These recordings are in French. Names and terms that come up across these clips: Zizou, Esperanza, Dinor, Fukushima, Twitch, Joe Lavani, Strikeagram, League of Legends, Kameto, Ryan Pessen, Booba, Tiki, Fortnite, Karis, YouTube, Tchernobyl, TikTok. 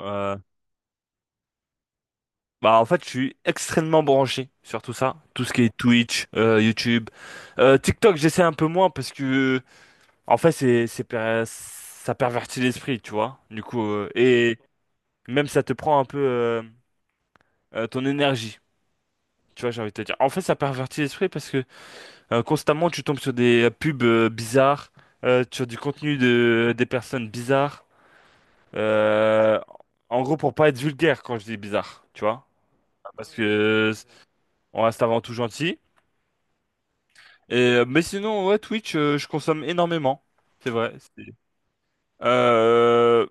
Euh, Bah en fait, je suis extrêmement branché sur tout ça, tout ce qui est Twitch, YouTube, TikTok. J'essaie un peu moins parce que en fait, ça pervertit l'esprit, tu vois. Du coup, et même ça te prend un peu ton énergie, tu vois. J'ai envie de te dire. En fait, ça pervertit l'esprit parce que constamment tu tombes sur des pubs bizarres, sur du contenu de des personnes bizarres. Euh, En gros, pour pas être vulgaire quand je dis bizarre, tu vois, parce que on reste avant tout gentil. Et, mais sinon, ouais, Twitch, je consomme énormément. C'est vrai. Euh,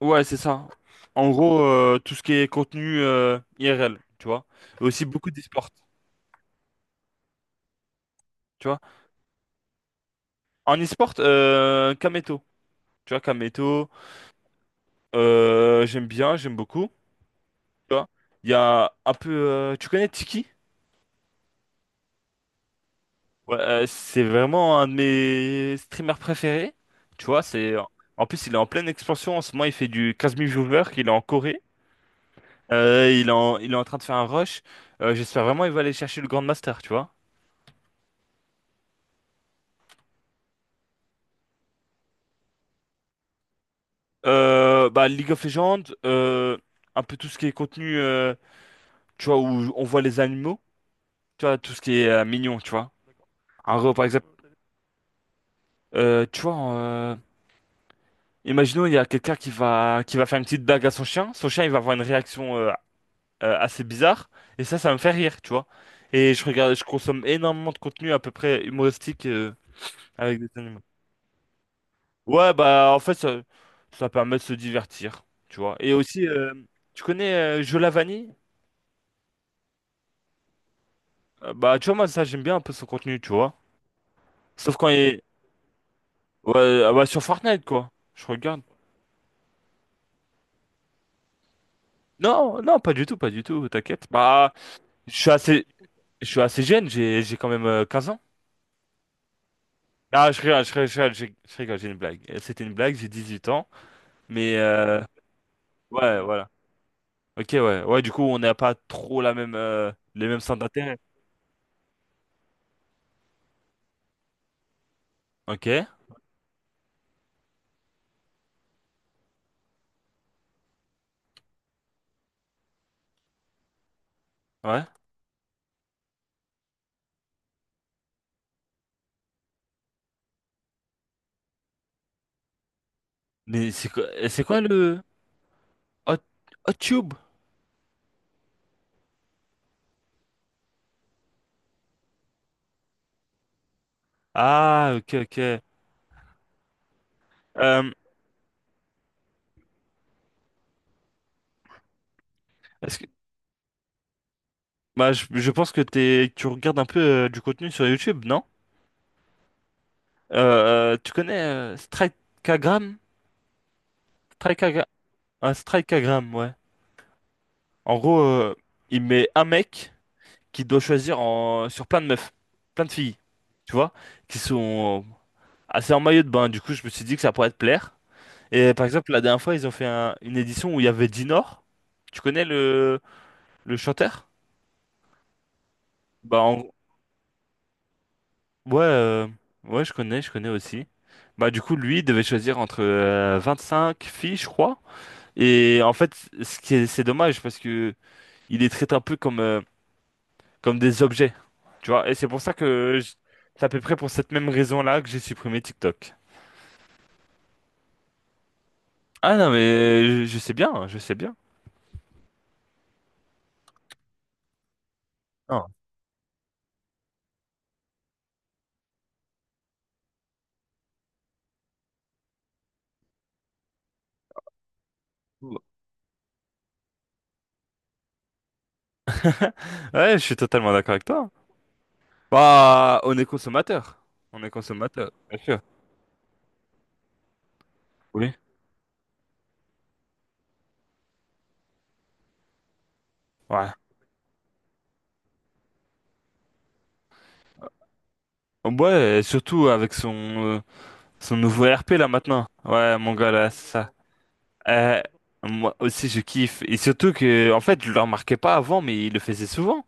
ouais, c'est ça. En gros, tout ce qui est contenu IRL, tu vois. Et aussi beaucoup d'e-sport, tu vois. En e-sport, Kameto. Tu vois, Kameto, j'aime bien, j'aime beaucoup. Tu vois. Il y a un peu... tu connais Tiki? Ouais, c'est vraiment un de mes streamers préférés. Tu vois. En plus, il est en pleine expansion. En ce moment, il fait du 15 000 viewers. Il est en Corée. Il est en train de faire un rush. J'espère vraiment qu'il va aller chercher le Grand Master, tu vois. Bah, League of Legends, un peu tout ce qui est contenu, tu vois, où on voit les animaux, tu vois, tout ce qui est mignon, tu vois. Par exemple, tu vois, imaginons, il y a quelqu'un qui va faire une petite blague à son chien. Son chien, il va avoir une réaction assez bizarre. Et ça me fait rire, tu vois. Et je consomme énormément de contenu à peu près humoristique avec des animaux. Ouais, bah en fait, ça permet de se divertir, tu vois. Et aussi, tu connais Joe Lavani? Bah, tu vois, moi, ça, j'aime bien un peu son contenu, tu vois. Sauf quand il est... Ouais, ah bah, sur Fortnite, quoi. Je regarde. Non, non, pas du tout, pas du tout, t'inquiète. Bah, je suis assez... Je suis assez jeune, j'ai quand même 15 ans. Ah, je rigole, je rigole, je rigole, je rigole, j'ai une blague. C'était une blague, j'ai 18 ans. Mais ouais, voilà. Ok, ouais. Ouais, du coup, on n'a pas trop la même, les mêmes centres d'intérêt. Ok, ouais. Mais c'est quoi le Hot, Hot Tube? Ah, ok, ok. Euh, est-ce que, Bah, je pense tu regardes un peu du contenu sur YouTube, non? Tu connais Strikeagram? Strikeagra- un Strikeagram, ouais. En gros, il met un mec qui doit choisir sur plein de meufs, plein de filles, tu vois, qui sont assez en maillot de bain. Du coup, je me suis dit que ça pourrait te plaire. Et par exemple, la dernière fois, ils ont fait une édition où il y avait Dinor. Tu connais le chanteur? Bah, ouais, ouais, je connais aussi. Bah, du coup, lui, il devait choisir entre cinq filles, je crois. Et en fait, c'est dommage parce que il les traite un peu comme des objets. Tu vois, et c'est pour ça que je- c'est à peu près pour cette même raison-là que j'ai supprimé TikTok. Ah non, mais je sais bien, je sais bien. Non. Ouais, je suis totalement d'accord avec toi. Bah, on est consommateur. On est consommateur, bien sûr. Oui. Ouais. Ouais, surtout avec son nouveau RP là maintenant. Ouais, mon gars là, c'est ça. Euh, Moi aussi je kiffe. Et surtout que, en fait, je le remarquais pas avant, mais il le faisait souvent.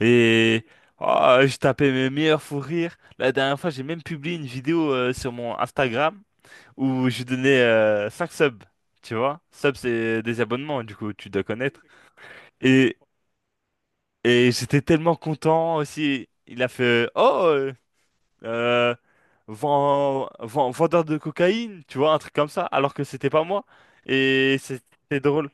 Et oh, je tapais mes meilleurs fous rires. La dernière fois, j'ai même publié une vidéo sur mon Instagram où je donnais 5 subs. Tu vois? Subs, c'est des abonnements, du coup, tu dois connaître. Et, et j'étais tellement content aussi. Il a fait Oh! Euh, vendeur de cocaïne, tu vois, un truc comme ça, alors que c'était pas moi. Et c'était drôle.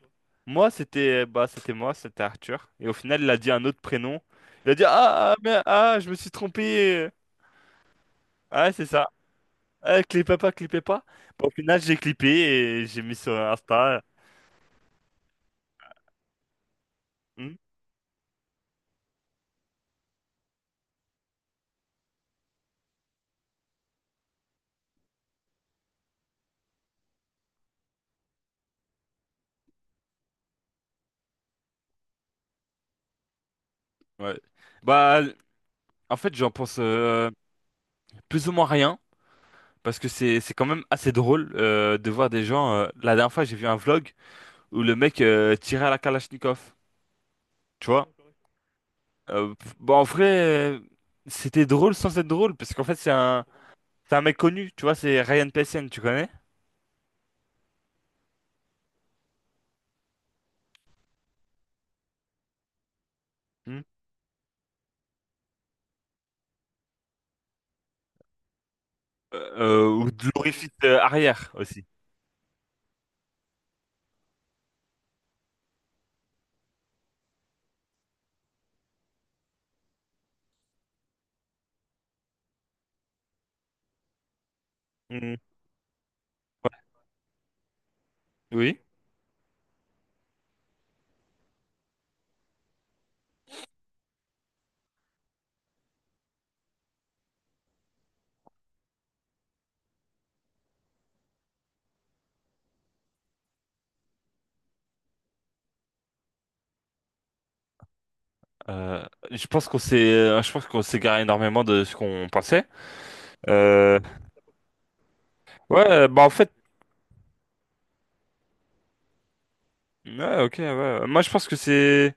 Moi, c'était moi, c'était Arthur. Et au final, il a dit un autre prénom. Il a dit, ah, ah, mais, ah, je me suis trompé. Ah, c'est ça. Ah, clipez pas, clipez pas. Bah, au final, j'ai clippé et j'ai mis sur Insta. Hmm. Ouais. Bah, en fait, j'en pense plus ou moins rien, parce que c'est quand même assez drôle de voir des gens. La dernière fois, j'ai vu un vlog. Où le mec tirait à la Kalachnikov, tu vois. Pff, bah, en vrai, euh, c'était drôle sans être drôle, parce qu'en fait, c'est un mec connu, tu vois, c'est Ryan Pessen, tu connais? Hmm. Ou de l'orifice arrière aussi. Hmm. Oui. Euh, je pense qu'on s'égare énormément de ce qu'on pensait. Euh, ouais, bah en fait, ouais, ok, ouais. Ouais. Moi, je pense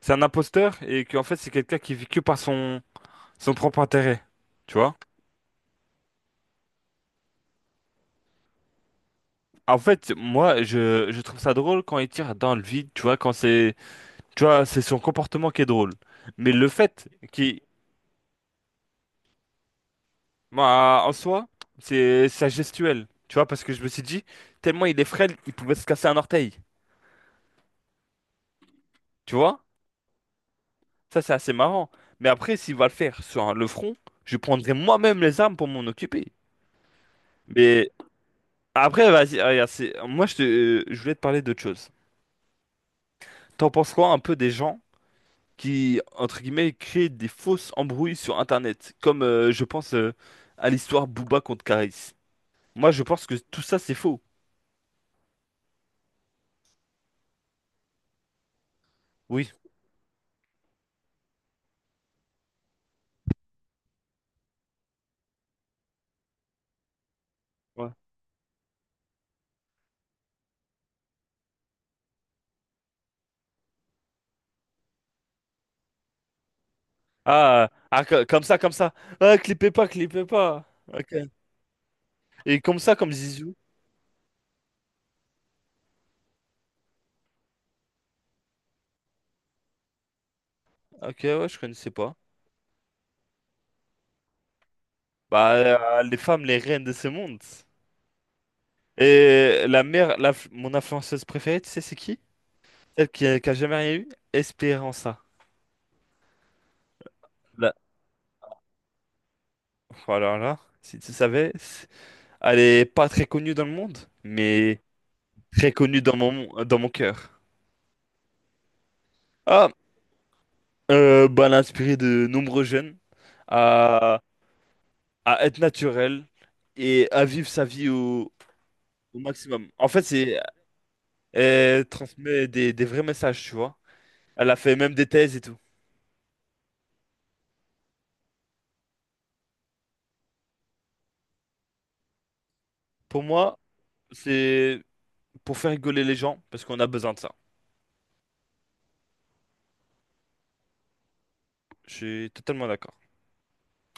c'est un imposteur et qu'en fait, c'est quelqu'un qui vit que par son propre intérêt, tu vois. En fait, moi, je trouve ça drôle quand il tire dans le vide, tu vois, tu vois, c'est son comportement qui est drôle. Mais le fait qu'il, Moi, en soi, c'est sa gestuelle, tu vois, parce que je me suis dit, tellement il est frêle, il pouvait se casser un orteil, tu vois? Ça, c'est assez marrant. Mais après, s'il va le faire sur le front, je prendrai moi-même les armes pour m'en occuper. Mais après, vas-y, regarde, moi, je voulais te parler d'autre chose. T'en penses quoi un peu des gens qui, entre guillemets, crée des fausses embrouilles sur Internet? Comme je pense à l'histoire Booba contre Karis. Moi, je pense que tout ça, c'est faux. Oui. Ouais. Ah, ah, comme ça, comme ça. Ah, clipez pas, clippez pas. Ok. Et comme ça, comme Zizou. Ok, ouais, je connaissais pas. Bah, les femmes, les reines de ce monde. Mon influenceuse préférée, tu sais, c'est qui? A qui a jamais rien eu? Espéranza. Là. Voilà, là. Si tu savais. Elle est pas très connue dans le monde, mais très connue dans mon cœur. Ah, bah, elle a inspiré de nombreux jeunes à, à être naturel et à vivre sa vie au maximum. En fait, elle transmet des vrais messages, tu vois. Elle a fait même des thèses et tout. Pour moi, c'est pour faire rigoler les gens, parce qu'on a besoin de ça. Je suis totalement d'accord.